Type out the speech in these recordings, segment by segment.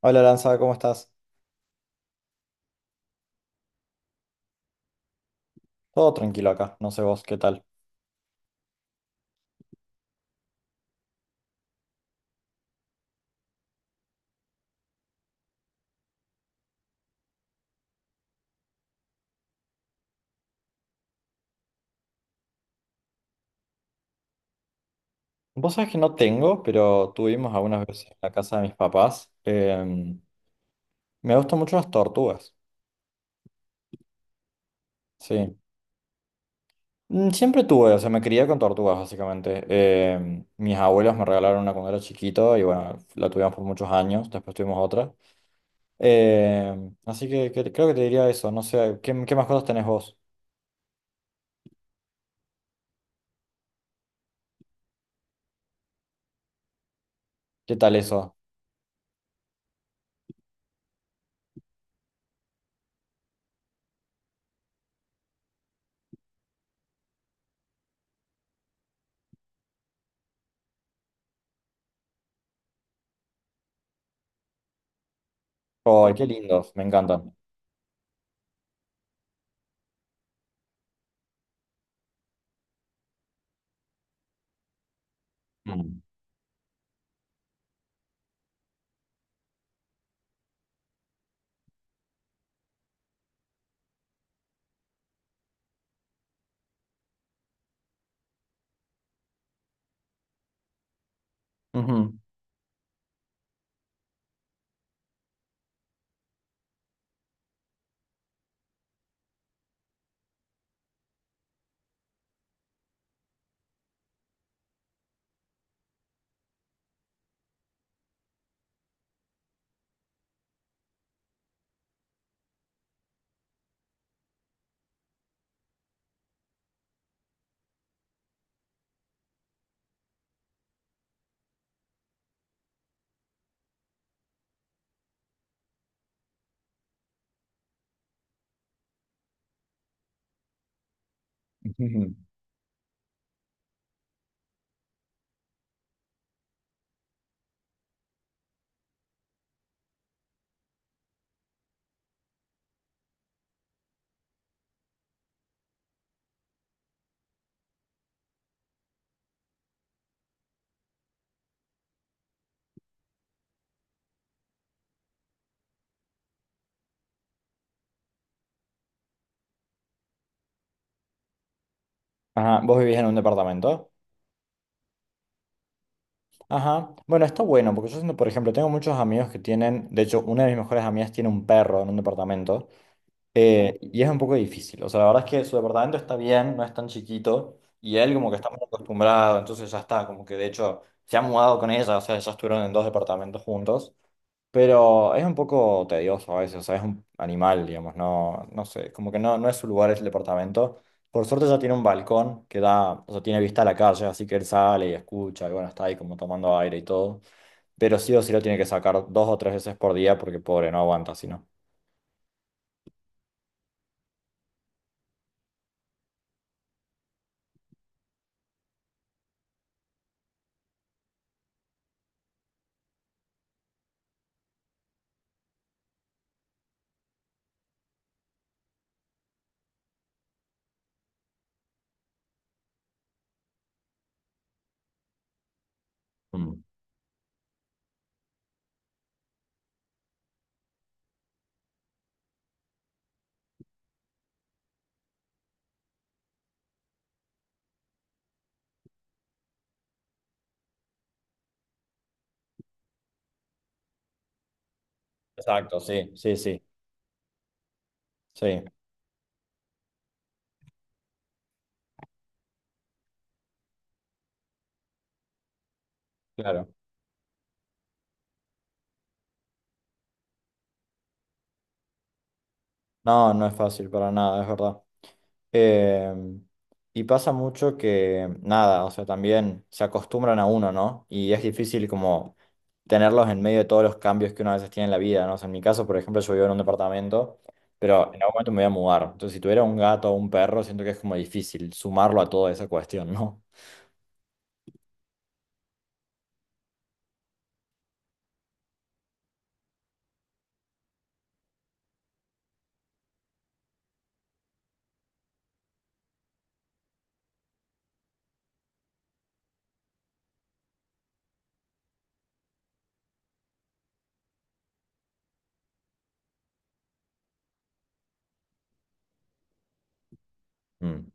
Hola Lanza, ¿cómo estás? Todo tranquilo acá, no sé vos, ¿qué tal? Vos sabés que no tengo, pero tuvimos algunas veces en la casa de mis papás. Me gustan mucho las tortugas, sí. Siempre tuve, o sea, me crié con tortugas básicamente. Mis abuelos me regalaron una cuando era chiquito y bueno, la tuvimos por muchos años, después tuvimos otra. Así que, creo que te diría eso, no sé, ¿qué más cosas tenés vos? ¿Qué tal eso? ¡Ay, qué lindos! Me encantan. Mm. Ujú, ujú. Ajá, ¿vos vivís en un departamento? Ajá. Bueno, está bueno, porque yo siento, por ejemplo, tengo muchos amigos que tienen, de hecho, una de mis mejores amigas tiene un perro en un departamento. Y es un poco difícil. O sea, la verdad es que su departamento está bien, no es tan chiquito. Y él como que está muy acostumbrado, entonces ya está, como que de hecho se ha mudado con ella, o sea, ya estuvieron en dos departamentos juntos. Pero es un poco tedioso a veces, o sea, es un animal, digamos, no, no sé, como que no, no es su lugar el departamento. Por suerte ya tiene un balcón que da, o sea, tiene vista a la calle, así que él sale y escucha, y bueno, está ahí como tomando aire y todo. Pero sí o sí lo tiene que sacar dos o tres veces por día porque pobre, no aguanta si no. Exacto, sí, sí, sí, sí, claro. No, no es fácil para nada, es verdad. Eh, y pasa mucho que, nada, o sea, también se acostumbran a uno, ¿no? Y es difícil como tenerlos en medio de todos los cambios que uno a veces tiene en la vida, ¿no? O sea, en mi caso, por ejemplo, yo vivo en un departamento, pero en algún momento me voy a mudar. Entonces, si tuviera un gato o un perro, siento que es como difícil sumarlo a toda esa cuestión, ¿no? Mm.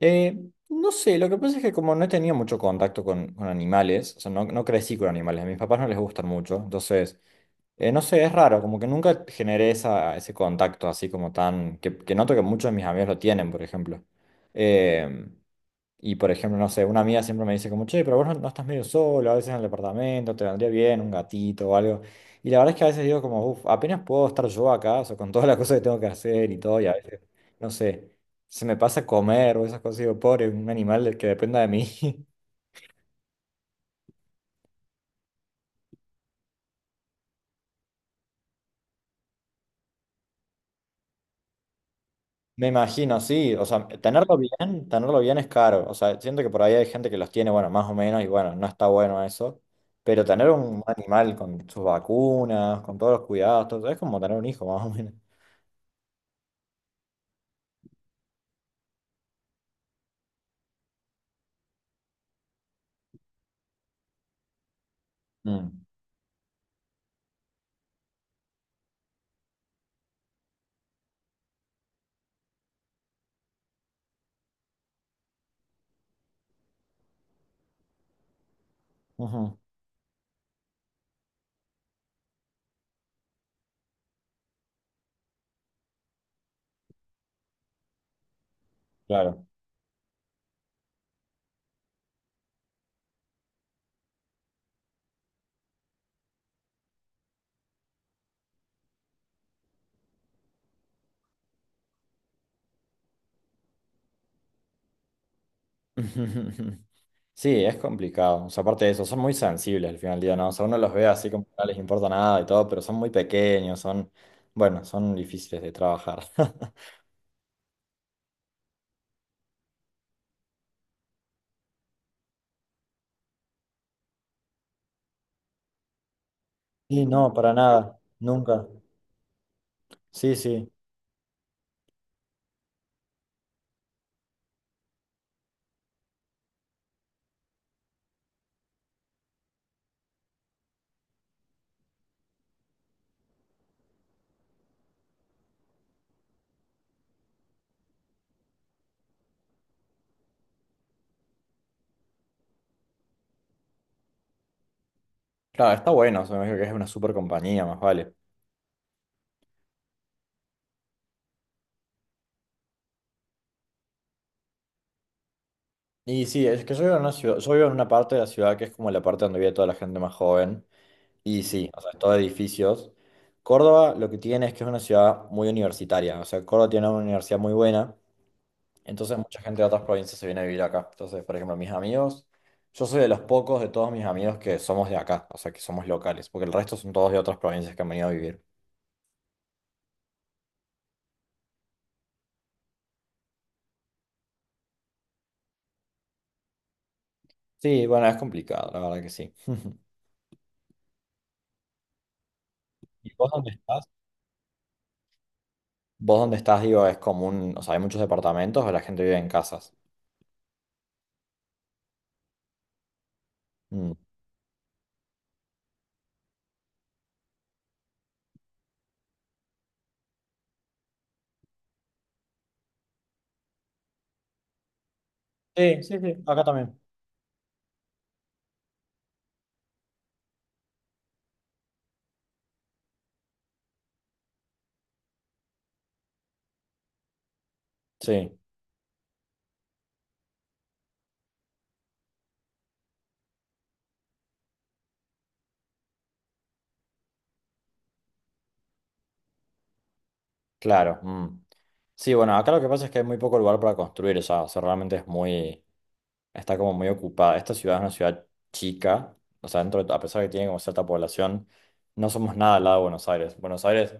Eh, no sé, lo que pasa es que como no he tenido mucho contacto con animales, o sea, no, no crecí con animales, a mis papás no les gustan mucho, entonces, no sé, es raro, como que nunca generé esa, ese contacto así como tan, que noto que muchos de mis amigos lo tienen, por ejemplo. Eh, y por ejemplo, no sé, una amiga siempre me dice como, che, pero vos no, no estás medio solo, a veces en el departamento, te vendría bien un gatito o algo. Y la verdad es que a veces digo como, uff, apenas puedo estar yo acá, o sea, con todas las cosas que tengo que hacer y todo, y a veces, no sé, se me pasa comer o esas cosas, digo, pobre, un animal del que dependa de mí. Me imagino, sí, o sea, tenerlo bien es caro, o sea, siento que por ahí hay gente que los tiene, bueno, más o menos, y bueno, no está bueno eso, pero tener un animal con sus vacunas, con todos los cuidados, todo, es como tener un hijo, más o menos. Mm. Ujú, claro. Sí, es complicado. O sea, aparte de eso, son muy sensibles al final del día, ¿no? O sea, uno los ve así como que no les importa nada y todo, pero son muy pequeños, son, bueno, son difíciles de trabajar. Sí, no, para nada, nunca. Sí, sí. Claro, está bueno, o sea, me imagino que es una super compañía, más vale. Y sí, es que yo vivo en una ciudad, yo vivo en una parte de la ciudad que es como la parte donde vive toda la gente más joven. Y sí, o sea, es todo edificios. Córdoba lo que tiene es que es una ciudad muy universitaria, o sea, Córdoba tiene una universidad muy buena. Entonces mucha gente de otras provincias se viene a vivir acá. Entonces, por ejemplo, mis amigos, yo soy de los pocos de todos mis amigos que somos de acá, o sea, que somos locales, porque el resto son todos de otras provincias que han venido a vivir. Sí, bueno, es complicado, la verdad que sí. ¿Y vos dónde estás? Vos dónde estás, digo, es común, o sea, hay muchos departamentos, o la gente vive en casas. Mm. Sí, sí, sí, acá también. Sí, claro. Mm. Sí, bueno, acá lo que pasa es que hay muy poco lugar para construir ya, o sea, realmente es muy. Está como muy ocupada. Esta ciudad es una ciudad chica, o sea, a pesar de que tiene como cierta población, no somos nada al lado de Buenos Aires. Buenos Aires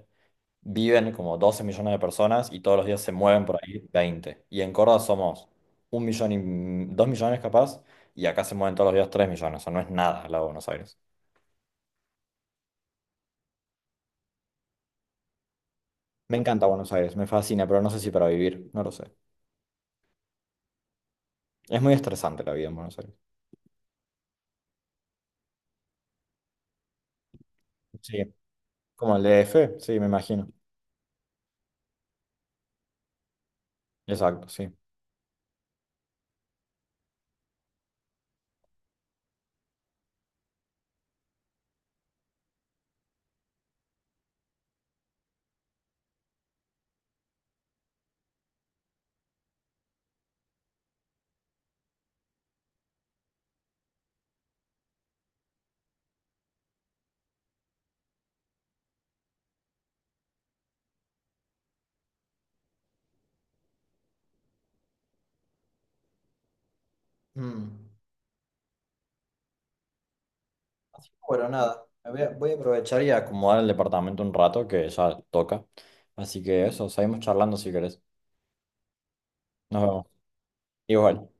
viven como 12 millones de personas y todos los días se mueven por ahí veinte. Y en Córdoba somos un millón y 2 millones capaz, y acá se mueven todos los días 3 millones, o sea, no es nada al lado de Buenos Aires. Me encanta Buenos Aires, me fascina, pero no sé si para vivir, no lo sé. Es muy estresante la vida en Buenos Aires. Sí, como el DF, sí, me imagino. Exacto, sí. Mm. Así que bueno, nada, voy a aprovechar y acomodar el departamento un rato que ya toca. Así que eso, seguimos charlando si querés. Nos vemos. Igual.